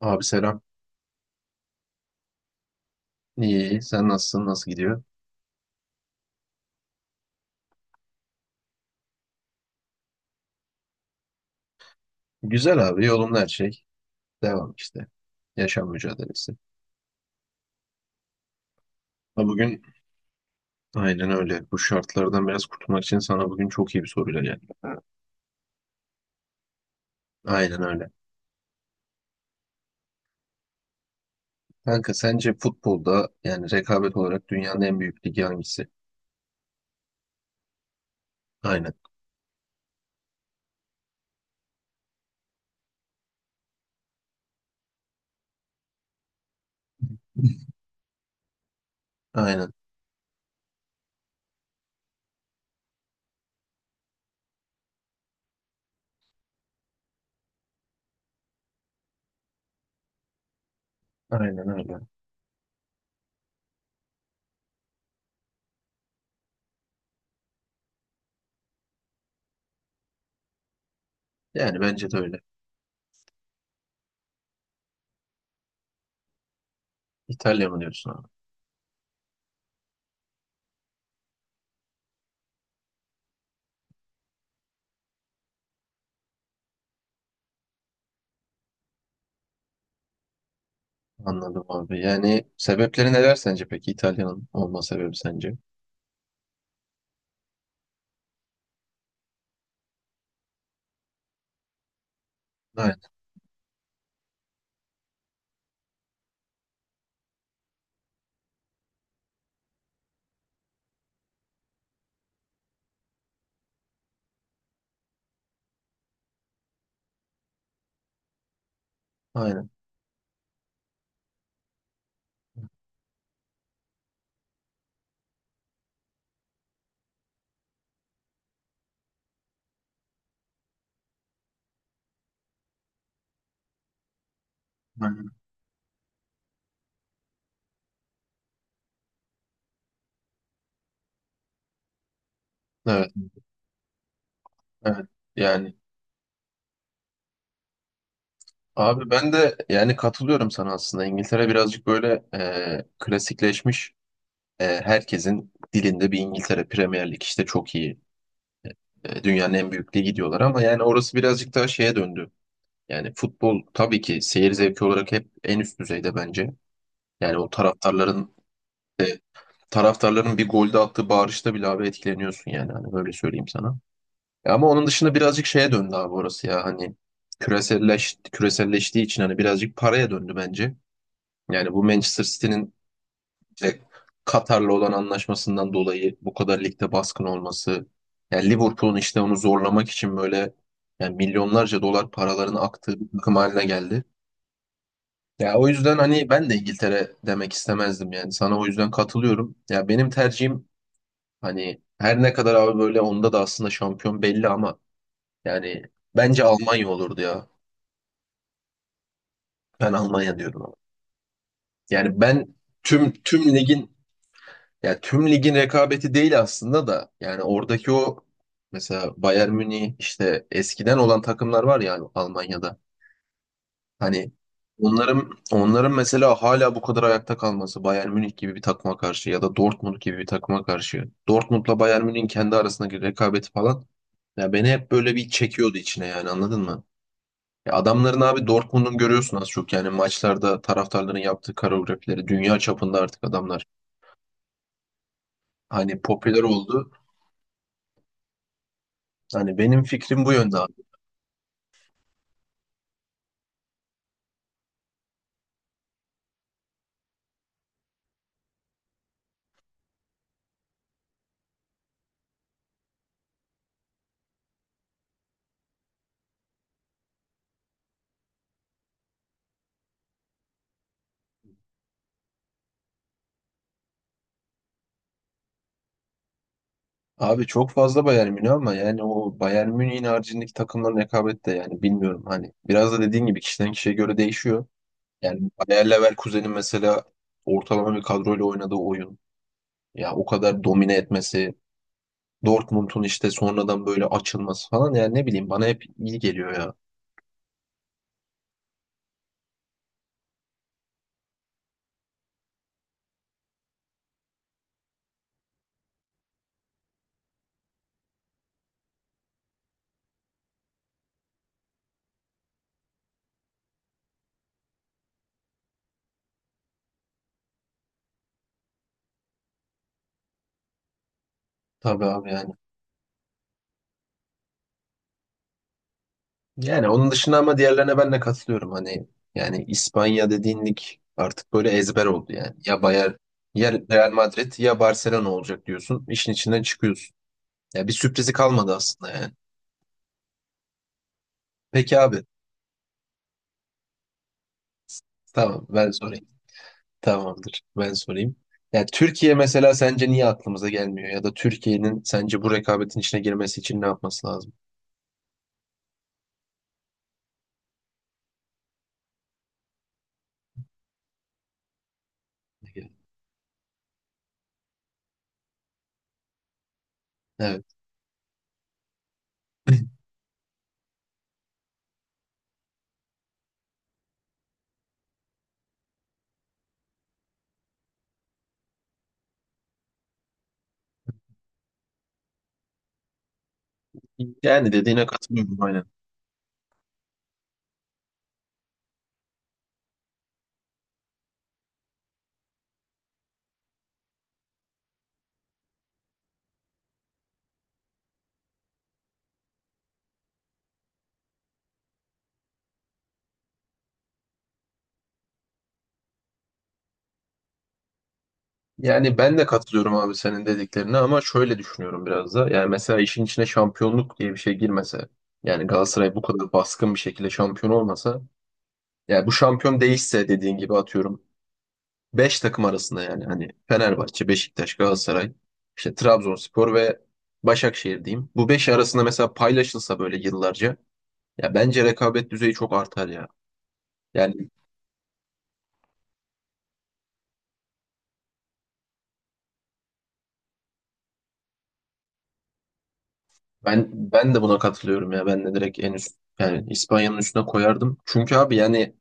Abi selam. İyi, iyi. Sen nasılsın? Nasıl gidiyor? Güzel abi. Yolunda her şey. Devam işte. Yaşam mücadelesi. Ha bugün aynen öyle. Bu şartlardan biraz kurtulmak için sana bugün çok iyi bir soruyla geldim. Aynen öyle. Kanka sence futbolda yani rekabet olarak dünyanın en büyük ligi hangisi? Aynen. Aynen. Aynen öyle. Yani bence de öyle. İtalya mı diyorsun abi? Anladım abi. Yani sebepleri neler sence peki İtalya'nın olma sebebi sence? Aynen. Aynen. Aynen. Evet. Evet. Yani abi ben de yani katılıyorum sana aslında. İngiltere birazcık böyle klasikleşmiş. Herkesin dilinde bir İngiltere Premier Lig işte çok iyi. Dünyanın en büyük ligi diyorlar ama yani orası birazcık daha şeye döndü. Yani futbol tabii ki seyir zevki olarak hep en üst düzeyde bence. Yani o e, taraftarların bir golde attığı bağırışta bile abi etkileniyorsun yani hani böyle söyleyeyim sana. Ama onun dışında birazcık şeye döndü abi orası ya hani küreselleştiği için hani birazcık paraya döndü bence. Yani bu Manchester City'nin işte Katar'la olan anlaşmasından dolayı bu kadar ligde baskın olması, yani Liverpool'un işte onu zorlamak için böyle yani milyonlarca dolar paralarını aktığı bir takım haline geldi. Ya o yüzden hani ben de İngiltere demek istemezdim yani sana o yüzden katılıyorum. Ya benim tercihim hani her ne kadar abi böyle onda da aslında şampiyon belli ama yani bence Almanya olurdu ya. Ben Almanya diyorum ama. Yani ben tüm ligin. Ya tüm ligin rekabeti değil aslında da yani oradaki o mesela Bayern Münih işte eskiden olan takımlar var ya Almanya'da. Hani onların mesela hala bu kadar ayakta kalması Bayern Münih gibi bir takıma karşı ya da Dortmund gibi bir takıma karşı. Dortmund'la Bayern Münih'in kendi arasındaki rekabeti falan, ya beni hep böyle bir çekiyordu içine yani anladın mı? Ya adamların abi Dortmund'un görüyorsun az çok yani maçlarda taraftarların yaptığı koreografileri dünya çapında artık adamlar hani popüler oldu. Hani benim fikrim bu yönde abi. Abi çok fazla Bayern Münih ama yani o Bayern Münih'in haricindeki takımların rekabeti de yani bilmiyorum hani biraz da dediğin gibi kişiden kişiye göre değişiyor. Yani Bayer Leverkusen'in mesela ortalama bir kadroyla oynadığı oyun, ya o kadar domine etmesi, Dortmund'un işte sonradan böyle açılması falan yani ne bileyim bana hep iyi geliyor ya. Tabii abi yani. Yani onun dışında ama diğerlerine ben de katılıyorum. Hani yani İspanya dediğin lig artık böyle ezber oldu yani. Ya Bayern, ya Real Madrid ya Barcelona olacak diyorsun. İşin içinden çıkıyorsun. Ya bir sürprizi kalmadı aslında yani. Peki abi, tamam ben sorayım. Tamamdır ben sorayım. Ya Türkiye mesela sence niye aklımıza gelmiyor? Ya da Türkiye'nin sence bu rekabetin içine girmesi için ne yapması lazım? Evet. Yani dediğine katılıyorum. Aynen. Yani ben de katılıyorum abi senin dediklerine ama şöyle düşünüyorum biraz da. Yani mesela işin içine şampiyonluk diye bir şey girmese, yani Galatasaray bu kadar baskın bir şekilde şampiyon olmasa, yani bu şampiyon değişse dediğin gibi atıyorum 5 takım arasında yani hani Fenerbahçe, Beşiktaş, Galatasaray, işte Trabzonspor ve Başakşehir diyeyim. Bu 5 arasında mesela paylaşılsa böyle yıllarca, ya bence rekabet düzeyi çok artar ya. Yani ben de buna katılıyorum ya. Ben de direkt en üst yani İspanya'nın üstüne koyardım. Çünkü abi yani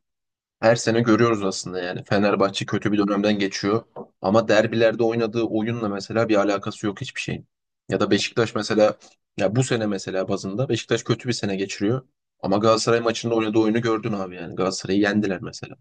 her sene görüyoruz aslında yani. Fenerbahçe kötü bir dönemden geçiyor. Ama derbilerde oynadığı oyunla mesela bir alakası yok hiçbir şeyin. Ya da Beşiktaş mesela, ya bu sene mesela bazında Beşiktaş kötü bir sene geçiriyor. Ama Galatasaray maçında oynadığı oyunu gördün abi yani. Galatasaray'ı yendiler mesela.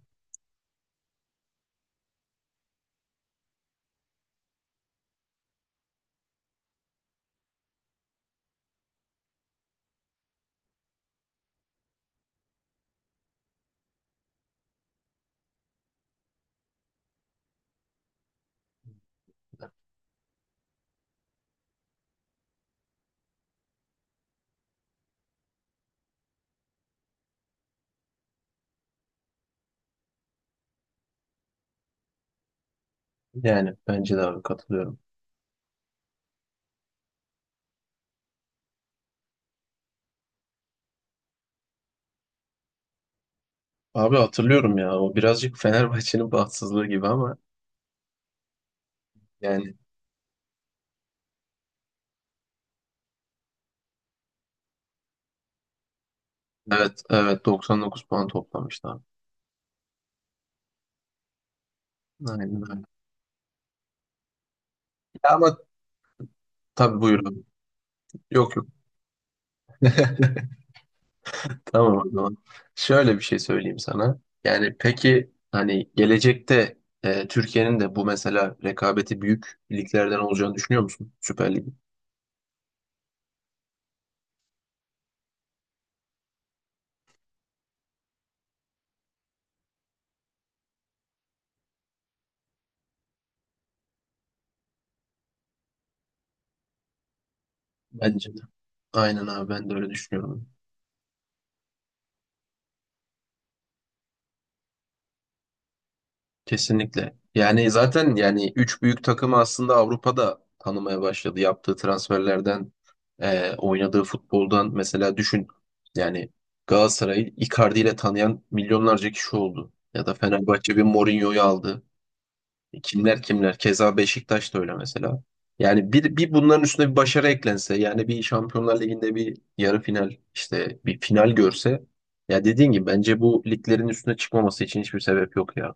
Yani bence de abi katılıyorum. Abi hatırlıyorum ya o birazcık Fenerbahçe'nin bahtsızlığı gibi ama yani evet, evet 99 puan toplamıştı abi. Aynen öyle. Ama tabii buyurun. Yok yok, tamam o zaman. Şöyle bir şey söyleyeyim sana. Yani peki hani gelecekte Türkiye'nin de bu mesela rekabeti büyük liglerden olacağını düşünüyor musun? Süper Lig. Bence de. Aynen abi ben de öyle düşünüyorum. Kesinlikle. Yani zaten yani üç büyük takımı aslında Avrupa'da tanımaya başladı. Yaptığı transferlerden, oynadığı futboldan mesela düşün. Yani Galatasaray'ı Icardi ile tanıyan milyonlarca kişi oldu. Ya da Fenerbahçe bir Mourinho'yu aldı. Kimler kimler. Keza Beşiktaş da öyle mesela. Yani bir bunların üstüne bir başarı eklense, yani bir Şampiyonlar Ligi'nde bir yarı final, işte bir final görse, ya dediğin gibi bence bu liglerin üstüne çıkmaması için hiçbir sebep yok ya.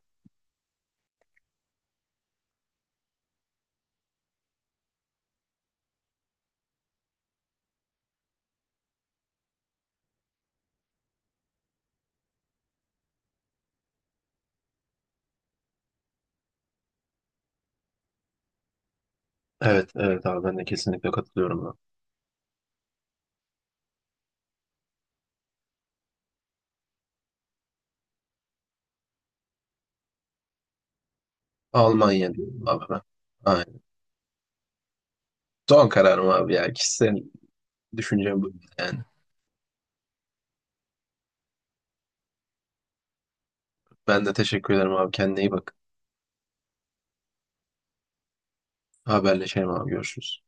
Evet, evet abi ben de kesinlikle katılıyorum abi. Almanya diyorum abi ben. Aynen. Son kararım abi ya. Kişisel düşüncem bu yani. Ben de teşekkür ederim abi. Kendine iyi bak. Haberleşelim abi. Görüşürüz.